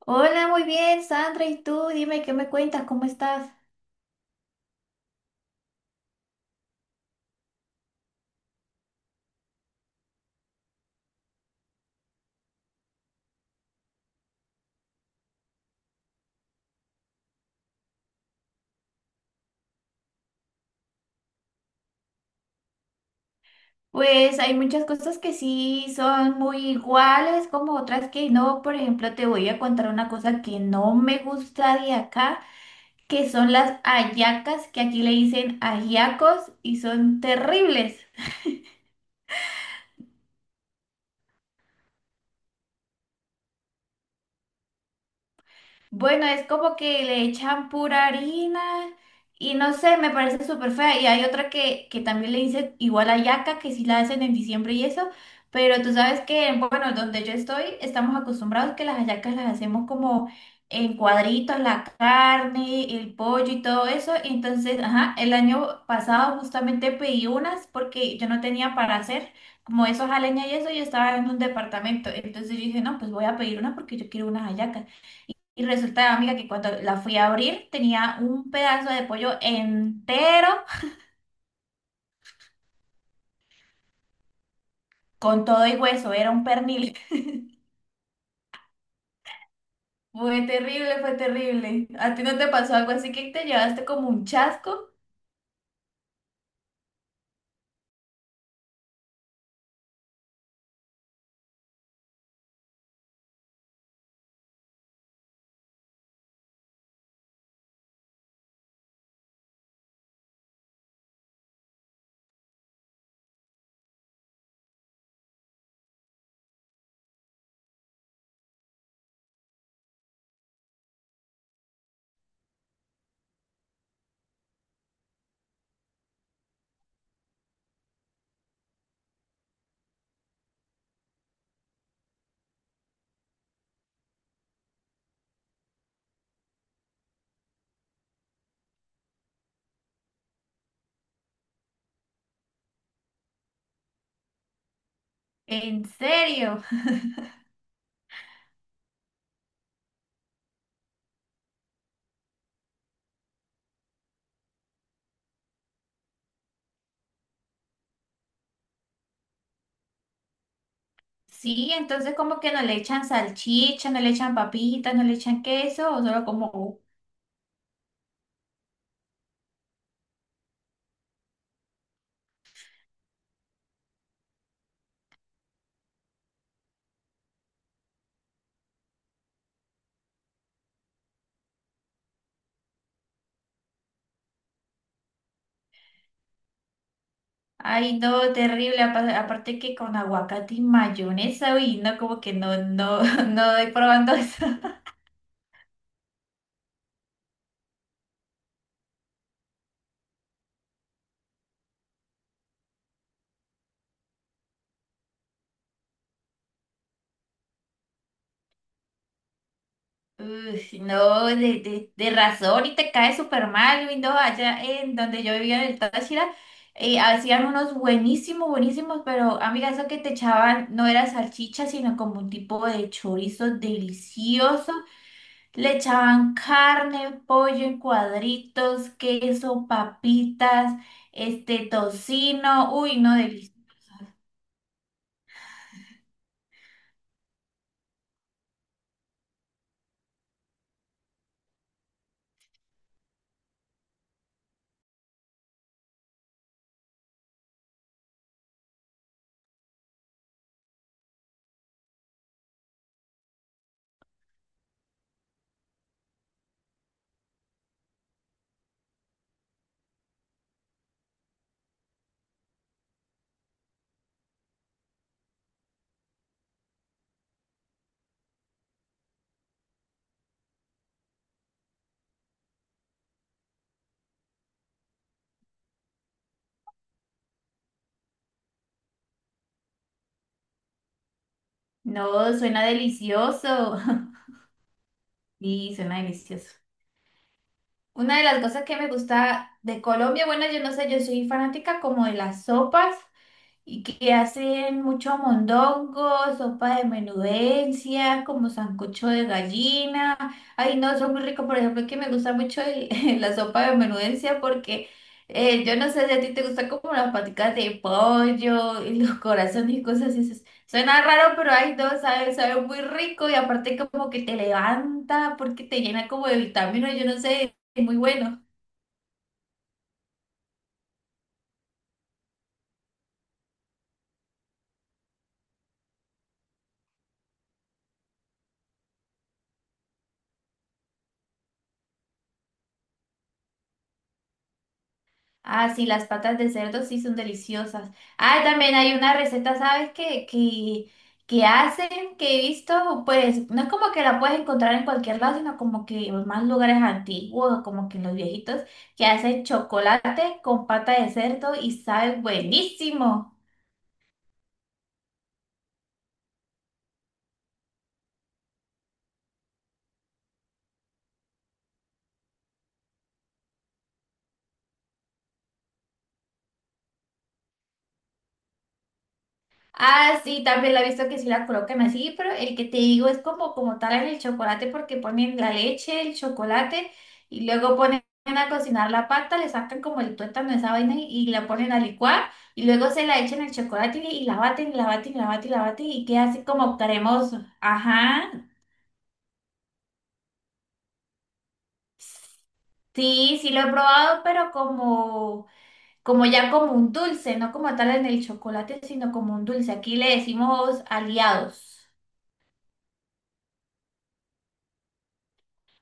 Hola, muy bien, Sandra. ¿Y tú? Dime, ¿qué me cuentas? ¿Cómo estás? Pues hay muchas cosas que sí son muy iguales, como otras que no. Por ejemplo, te voy a contar una cosa que no me gusta de acá, que son las hallacas, que aquí le dicen ajiacos y son terribles. Bueno, es como que le echan pura harina y no sé, me parece súper fea. Y hay otra que también le dicen igual a yaca, que sí la hacen en diciembre y eso, pero tú sabes que, bueno, donde yo estoy, estamos acostumbrados que las hallacas las hacemos como en cuadritos, la carne, el pollo y todo eso. Entonces, ajá, el año pasado justamente pedí unas porque yo no tenía para hacer. Como esos a leña y eso, yo estaba en un departamento. Entonces yo dije, no, pues voy a pedir una porque yo quiero unas hallacas. Y resulta, amiga, que cuando la fui a abrir tenía un pedazo de pollo entero con todo y hueso, era un pernil. Fue terrible, fue terrible. ¿A ti no te pasó algo así que te llevaste como un chasco? ¿En serio? Sí, entonces como que no le echan salchicha, no le echan papitas, no le echan queso, o solo como, ay, no, terrible. Aparte que con aguacate y mayonesa, uy, no, como que no, no, no doy probando eso. Uy, no, de razón y te cae súper mal, Luis, no, allá en donde yo vivía en el Táchira, hacían unos buenísimos, buenísimos, pero amiga, eso que te echaban no era salchicha, sino como un tipo de chorizo delicioso, le echaban carne, pollo en cuadritos, queso, papitas, este tocino, uy, no, deli- no, suena delicioso, sí, suena delicioso. Una de las cosas que me gusta de Colombia, bueno, yo no sé, yo soy fanática como de las sopas y que hacen mucho mondongo, sopa de menudencias, como sancocho de gallina. Ay, no, son muy ricos. Por ejemplo, que me gusta mucho la sopa de menudencia porque yo no sé si a ti te gustan como las paticas de pollo y los corazones y cosas así. Suena raro, pero ay, no, sabe, sabe muy rico y aparte como que te levanta porque te llena como de vitaminas, yo no sé, es muy bueno. Ah, sí, las patas de cerdo sí son deliciosas. Ah, también hay una receta, ¿sabes qué? Que hacen, que he visto, pues no es como que la puedes encontrar en cualquier lado, sino como que en más lugares antiguos, como que en los viejitos, que hacen chocolate con pata de cerdo y sabe buenísimo. Ah, sí, también la he visto que sí la colocan así, pero el que te digo es como, como tal en el chocolate porque ponen la leche, el chocolate y luego ponen a cocinar la pata, le sacan como el tuétano, esa vaina y la ponen a licuar y luego se la echan el chocolate y la baten, y la baten, y la baten, y la baten y queda así como cremoso. Ajá. Sí, sí lo he probado, pero como, como ya como un dulce, no como tal en el chocolate, sino como un dulce. Aquí le decimos aliados.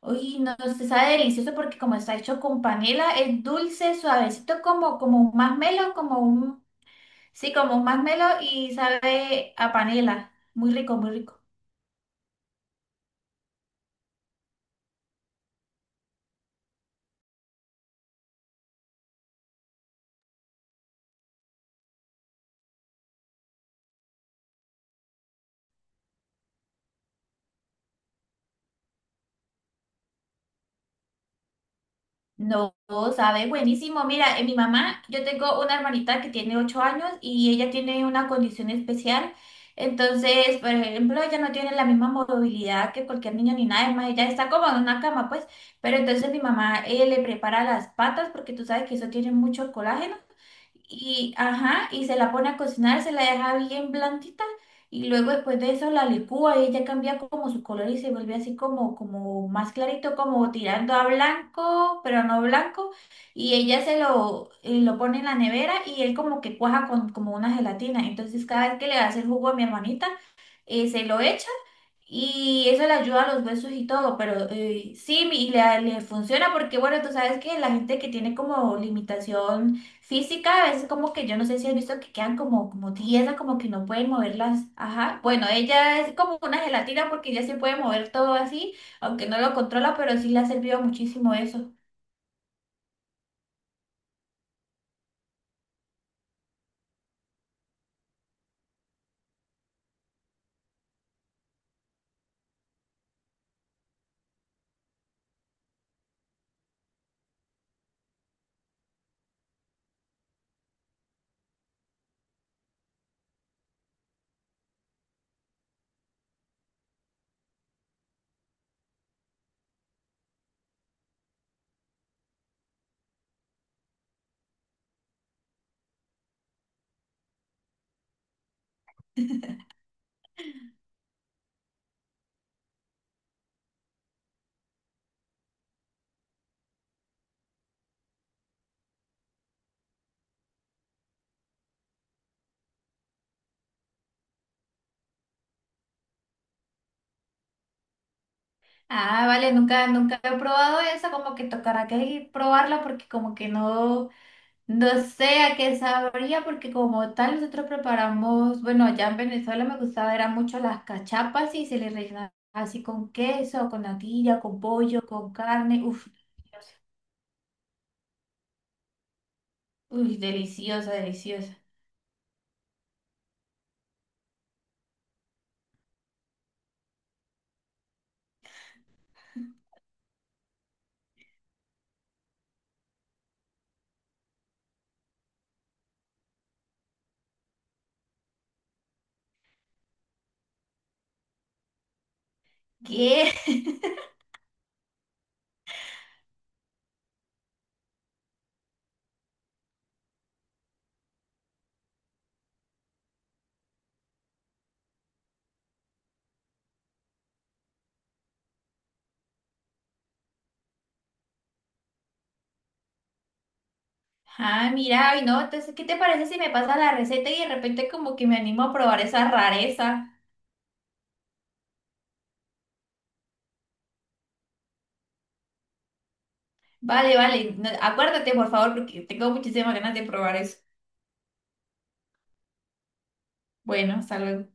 Uy, no, se sabe delicioso porque como está hecho con panela, es dulce, suavecito, como, como un masmelo, como un, sí, como un masmelo y sabe a panela. Muy rico, muy rico. No, sabes, buenísimo. Mira, mi mamá, yo tengo una hermanita que tiene 8 años y ella tiene una condición especial. Entonces, por ejemplo, ella no tiene la misma movilidad que cualquier niño ni nada, es más ella está como en una cama, pues. Pero entonces mi mamá le prepara las patas porque tú sabes que eso tiene mucho colágeno y, ajá, y se la pone a cocinar, se la deja bien blandita y luego después de eso la licúa y ya cambia como su color y se vuelve así como, como más clarito, como tirando a blanco, pero no blanco. Y ella se lo pone en la nevera y él como que cuaja con como una gelatina. Entonces cada vez que le hace el jugo a mi hermanita, se lo echa y eso le ayuda a los huesos y todo, pero sí, le funciona porque, bueno, tú sabes que la gente que tiene como limitación física, a veces como que yo no sé si has visto que quedan como, como tiesas, como que no pueden moverlas. Ajá. Bueno, ella es como una gelatina porque ella sí puede mover todo así, aunque no lo controla, pero sí le ha servido muchísimo eso. Ah, vale, nunca, nunca he probado eso, como que tocará que probarla porque como que no. No sé a qué sabría porque como tal nosotros preparamos, bueno, allá en Venezuela me gustaba era mucho las cachapas y se les rellenaba así con queso, con natilla, con pollo, con carne. Uf, uy, deliciosa, deliciosa. ¿Qué? Ah, mira, ay no, entonces, ¿qué te parece si me pasa la receta y de repente como que me animo a probar esa rareza? Vale, vale, no, acuérdate por favor porque tengo muchísimas ganas de probar eso. Bueno, hasta luego.